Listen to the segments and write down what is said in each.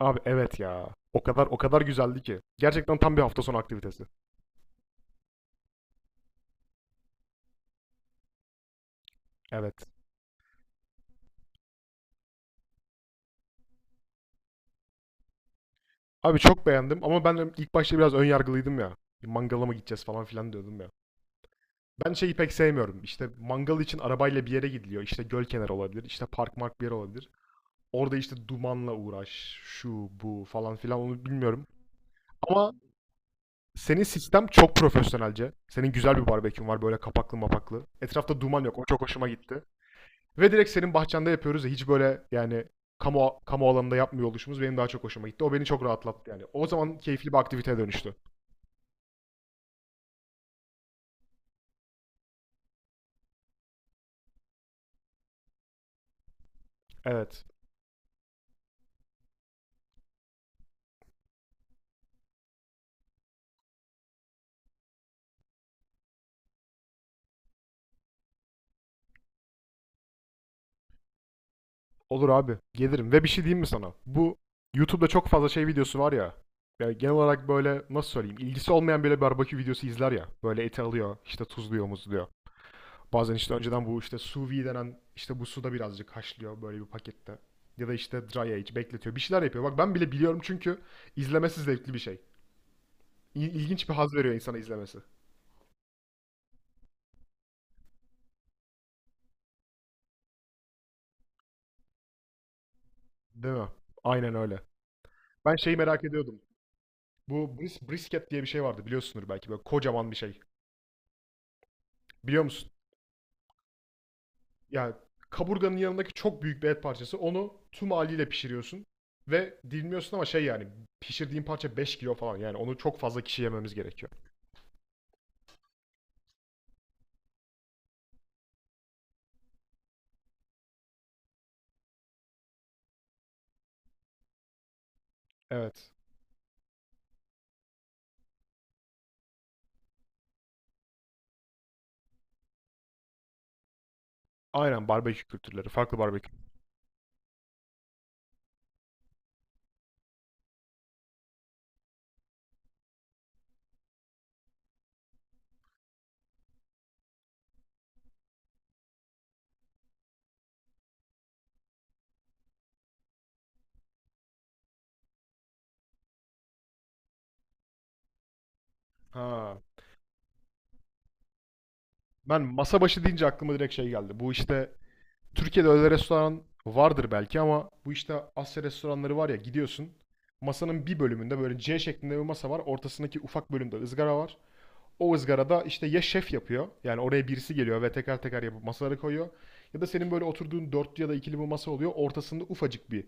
Abi evet ya. O kadar o kadar güzeldi ki. Gerçekten tam bir hafta sonu aktivitesi. Evet. Abi çok beğendim ama ben ilk başta biraz ön yargılıydım ya. Bir Mangala mı gideceğiz falan filan diyordum ya. Ben şeyi pek sevmiyorum. İşte mangal için arabayla bir yere gidiliyor. İşte göl kenarı olabilir. İşte park mark bir yer olabilir. Orada işte dumanla uğraş, şu bu falan filan onu bilmiyorum. Ama senin sistem çok profesyonelce. Senin güzel bir barbekün var, böyle kapaklı mapaklı. Etrafta duman yok. O çok hoşuma gitti. Ve direkt senin bahçende yapıyoruz ya, hiç böyle yani kamu alanında yapmıyor oluşumuz benim daha çok hoşuma gitti. O beni çok rahatlattı yani. O zaman keyifli bir aktiviteye dönüştü. Evet. Olur abi. Gelirim. Ve bir şey diyeyim mi sana? Bu YouTube'da çok fazla şey videosu var ya. Yani genel olarak böyle, nasıl söyleyeyim, ilgisi olmayan böyle barbekü videosu izler ya. Böyle eti alıyor, işte tuzluyor, muzluyor. Bazen işte önceden bu işte sous vide denen işte bu suda birazcık haşlıyor böyle bir pakette. Ya da işte dry age bekletiyor. Bir şeyler yapıyor. Bak ben bile biliyorum çünkü izlemesi zevkli bir şey. İl- ilginç bir haz veriyor insana izlemesi. Değil mi? Aynen öyle. Ben şeyi merak ediyordum. Bu brisket diye bir şey vardı, biliyorsundur belki, böyle kocaman bir şey. Biliyor musun? Yani kaburganın yanındaki çok büyük bir et parçası. Onu tüm haliyle pişiriyorsun ve dilmiyorsun ama şey yani, pişirdiğin parça 5 kilo falan. Yani onu çok fazla kişi yememiz gerekiyor. Evet. Aynen, barbekü kültürleri. Farklı barbekü. Ha. Ben masa başı deyince aklıma direkt şey geldi. Bu işte Türkiye'de öyle restoran vardır belki ama bu işte Asya restoranları var ya, gidiyorsun. Masanın bir bölümünde böyle C şeklinde bir masa var. Ortasındaki ufak bölümde ızgara var. O ızgarada işte ya şef yapıyor. Yani oraya birisi geliyor ve teker teker yapıp masaları koyuyor. Ya da senin böyle oturduğun dörtlü ya da ikili bir masa oluyor. Ortasında ufacık bir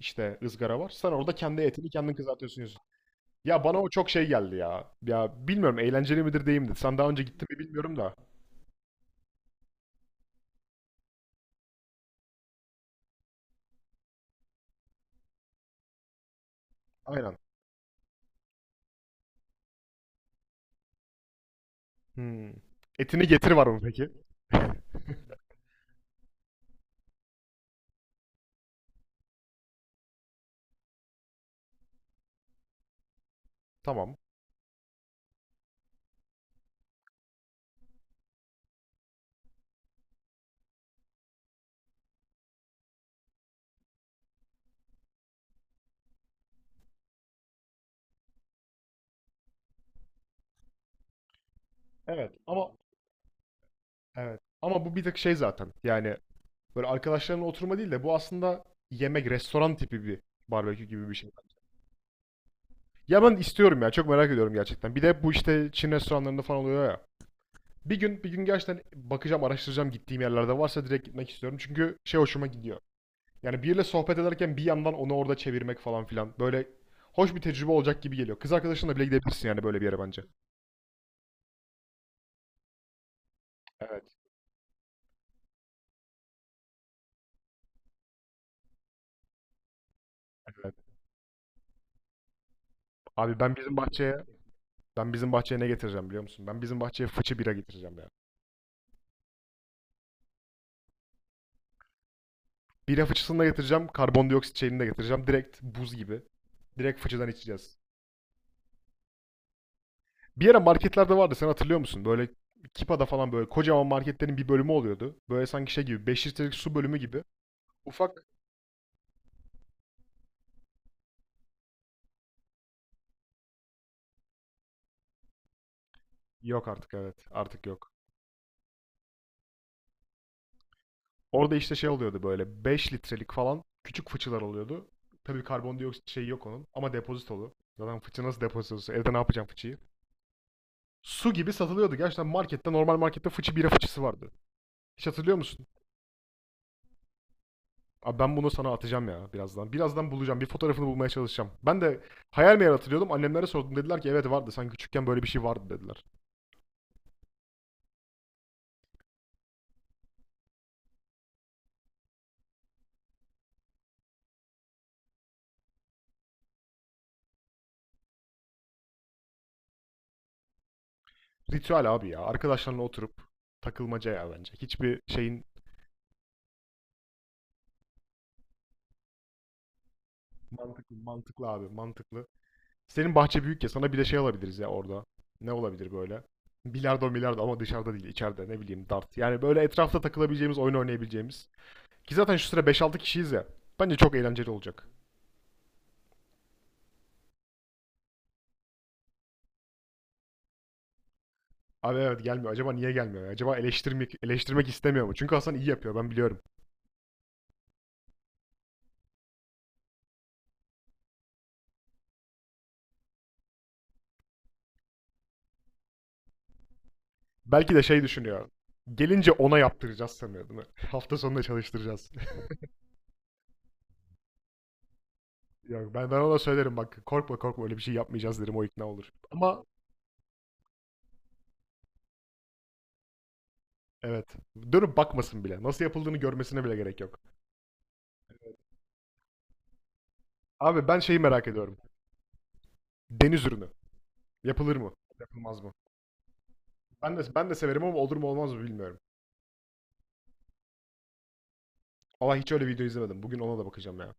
işte ızgara var. Sen orada kendi etini kendin kızartıyorsun, yiyorsun. Ya bana o çok şey geldi ya. Ya bilmiyorum, eğlenceli midir değil midir. Sen daha önce gittin mi bilmiyorum da. Aynen. Hmm. Etini getir var mı peki? Tamam. Evet ama evet. Ama bu bir tek şey zaten. Yani böyle arkadaşların oturma değil de, bu aslında yemek, restoran tipi bir barbekü gibi bir şey. Ya ben istiyorum ya. Çok merak ediyorum gerçekten. Bir de bu işte Çin restoranlarında falan oluyor ya. Bir gün bir gün gerçekten bakacağım, araştıracağım, gittiğim yerlerde varsa direkt gitmek istiyorum. Çünkü şey hoşuma gidiyor. Yani biriyle sohbet ederken bir yandan onu orada çevirmek falan filan. Böyle hoş bir tecrübe olacak gibi geliyor. Kız arkadaşınla bile gidebilirsin yani böyle bir yere bence. Evet, evet. Abi ben bizim bahçeye ne getireceğim biliyor musun? Ben bizim bahçeye fıçı bira getireceğim ya. Bira fıçısını da getireceğim, karbondioksit şeyini de getireceğim. Direkt buz gibi. Direkt fıçıdan içeceğiz. Bir ara marketlerde vardı, sen hatırlıyor musun? Böyle Kipa'da falan, böyle kocaman marketlerin bir bölümü oluyordu. Böyle sanki şey gibi, 5 litrelik su bölümü gibi. Ufak. Yok artık, evet, artık yok. Orada işte şey oluyordu, böyle 5 litrelik falan küçük fıçılar oluyordu. Tabii karbondioksit şeyi yok onun ama depozitolu. Zaten fıçı nasıl depozitolusu? Evde ne yapacağım fıçıyı? Su gibi satılıyordu. Gerçekten markette, normal markette fıçı bira fıçısı vardı. Hiç hatırlıyor musun? Abi ben bunu sana atacağım ya birazdan. Birazdan bulacağım. Bir fotoğrafını bulmaya çalışacağım. Ben de hayal meyal hatırlıyordum. Annemlere sordum. Dediler ki evet vardı. Sen küçükken böyle bir şey vardı dediler. Ritüel abi ya. Arkadaşlarla oturup takılmaca ya bence. Hiçbir şeyin mantıklı, mantıklı abi, mantıklı. Senin bahçe büyük ya, sana bir de şey alabiliriz ya orada. Ne olabilir böyle? Bilardo milardo, ama dışarıda değil içeride, ne bileyim, dart. Yani böyle etrafta takılabileceğimiz, oyun oynayabileceğimiz. Ki zaten şu sıra 5-6 kişiyiz ya. Bence çok eğlenceli olacak. Abi evet, gelmiyor. Acaba niye gelmiyor? Acaba eleştirmek istemiyor mu? Çünkü Hasan iyi yapıyor, ben biliyorum. Belki de şey düşünüyor. Gelince ona yaptıracağız sanıyor değil mi? Hafta sonunda çalıştıracağız. Yok, ben ona söylerim, bak korkma korkma, öyle bir şey yapmayacağız derim, o ikna olur. Ama evet, dönüp bakmasın bile. Nasıl yapıldığını görmesine bile gerek yok. Abi ben şeyi merak ediyorum. Deniz ürünü. Yapılır mı? Yapılmaz mı? Ben de severim ama olur mu olmaz mı bilmiyorum. Ama hiç öyle video izlemedim. Bugün ona da bakacağım ya.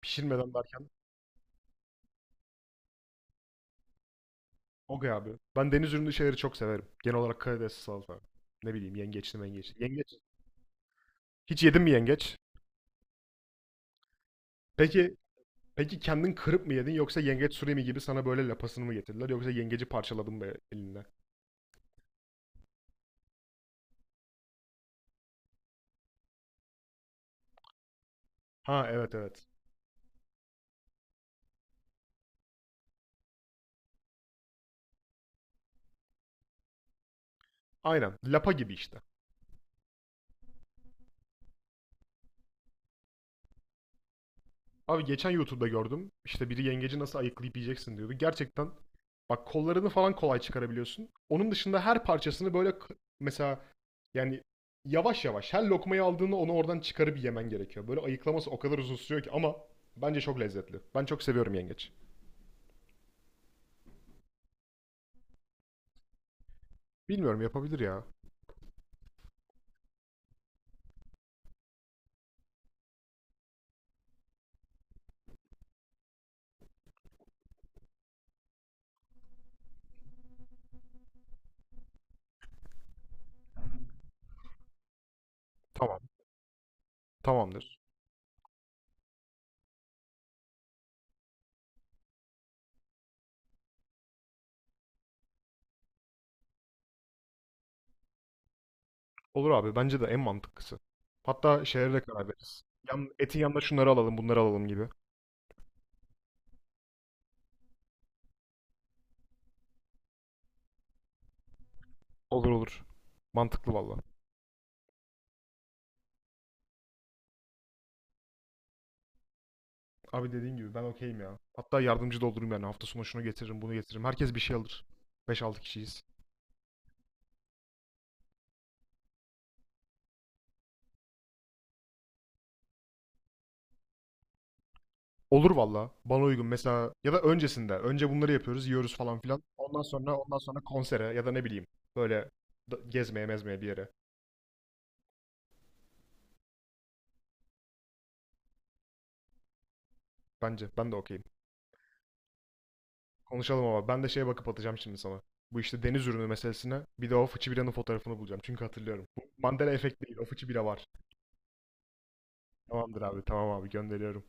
Pişirmeden derken? Okey abi. Ben deniz ürünü şeyleri çok severim. Genel olarak karidesli salata. Ne bileyim yengeçli mengeçli. Yengeç. Hiç yedin mi yengeç? Peki peki kendin kırıp mı yedin, yoksa yengeç surimi gibi sana böyle lapasını mı getirdiler, yoksa yengeci parçaladın mı elinle? Ha evet evet. Aynen. Lapa gibi işte. Abi geçen YouTube'da gördüm. İşte biri yengeci nasıl ayıklayıp yiyeceksin diyordu. Gerçekten bak, kollarını falan kolay çıkarabiliyorsun. Onun dışında her parçasını böyle, mesela yani yavaş yavaş her lokmayı aldığında onu oradan çıkarıp yemen gerekiyor. Böyle ayıklaması o kadar uzun sürüyor ki, ama bence çok lezzetli. Ben çok seviyorum yengeç. Bilmiyorum, yapabilir ya. Tamam. Tamamdır. Olur abi, bence de en mantıklısı. Hatta şehre de karar veririz. Etin yanında şunları alalım, bunları alalım gibi. Olur olur. Mantıklı valla. Abi dediğin gibi ben okeyim ya. Hatta yardımcı da olurum yani. Hafta sonu şunu getiririm, bunu getiririm. Herkes bir şey alır. 5-6 kişiyiz. Olur valla. Bana uygun. Mesela ya da öncesinde. Önce bunları yapıyoruz, yiyoruz falan filan. Ondan sonra konsere ya da ne bileyim, böyle gezmeye mezmeye bir yere. Bence ben de okeyim. Konuşalım, ama ben de şeye bakıp atacağım şimdi sana. Bu işte deniz ürünü meselesine, bir de o fıçı biranın fotoğrafını bulacağım. Çünkü hatırlıyorum. Bu Mandela efekt değil. O fıçı bira var. Tamamdır abi. Tamam abi, gönderiyorum.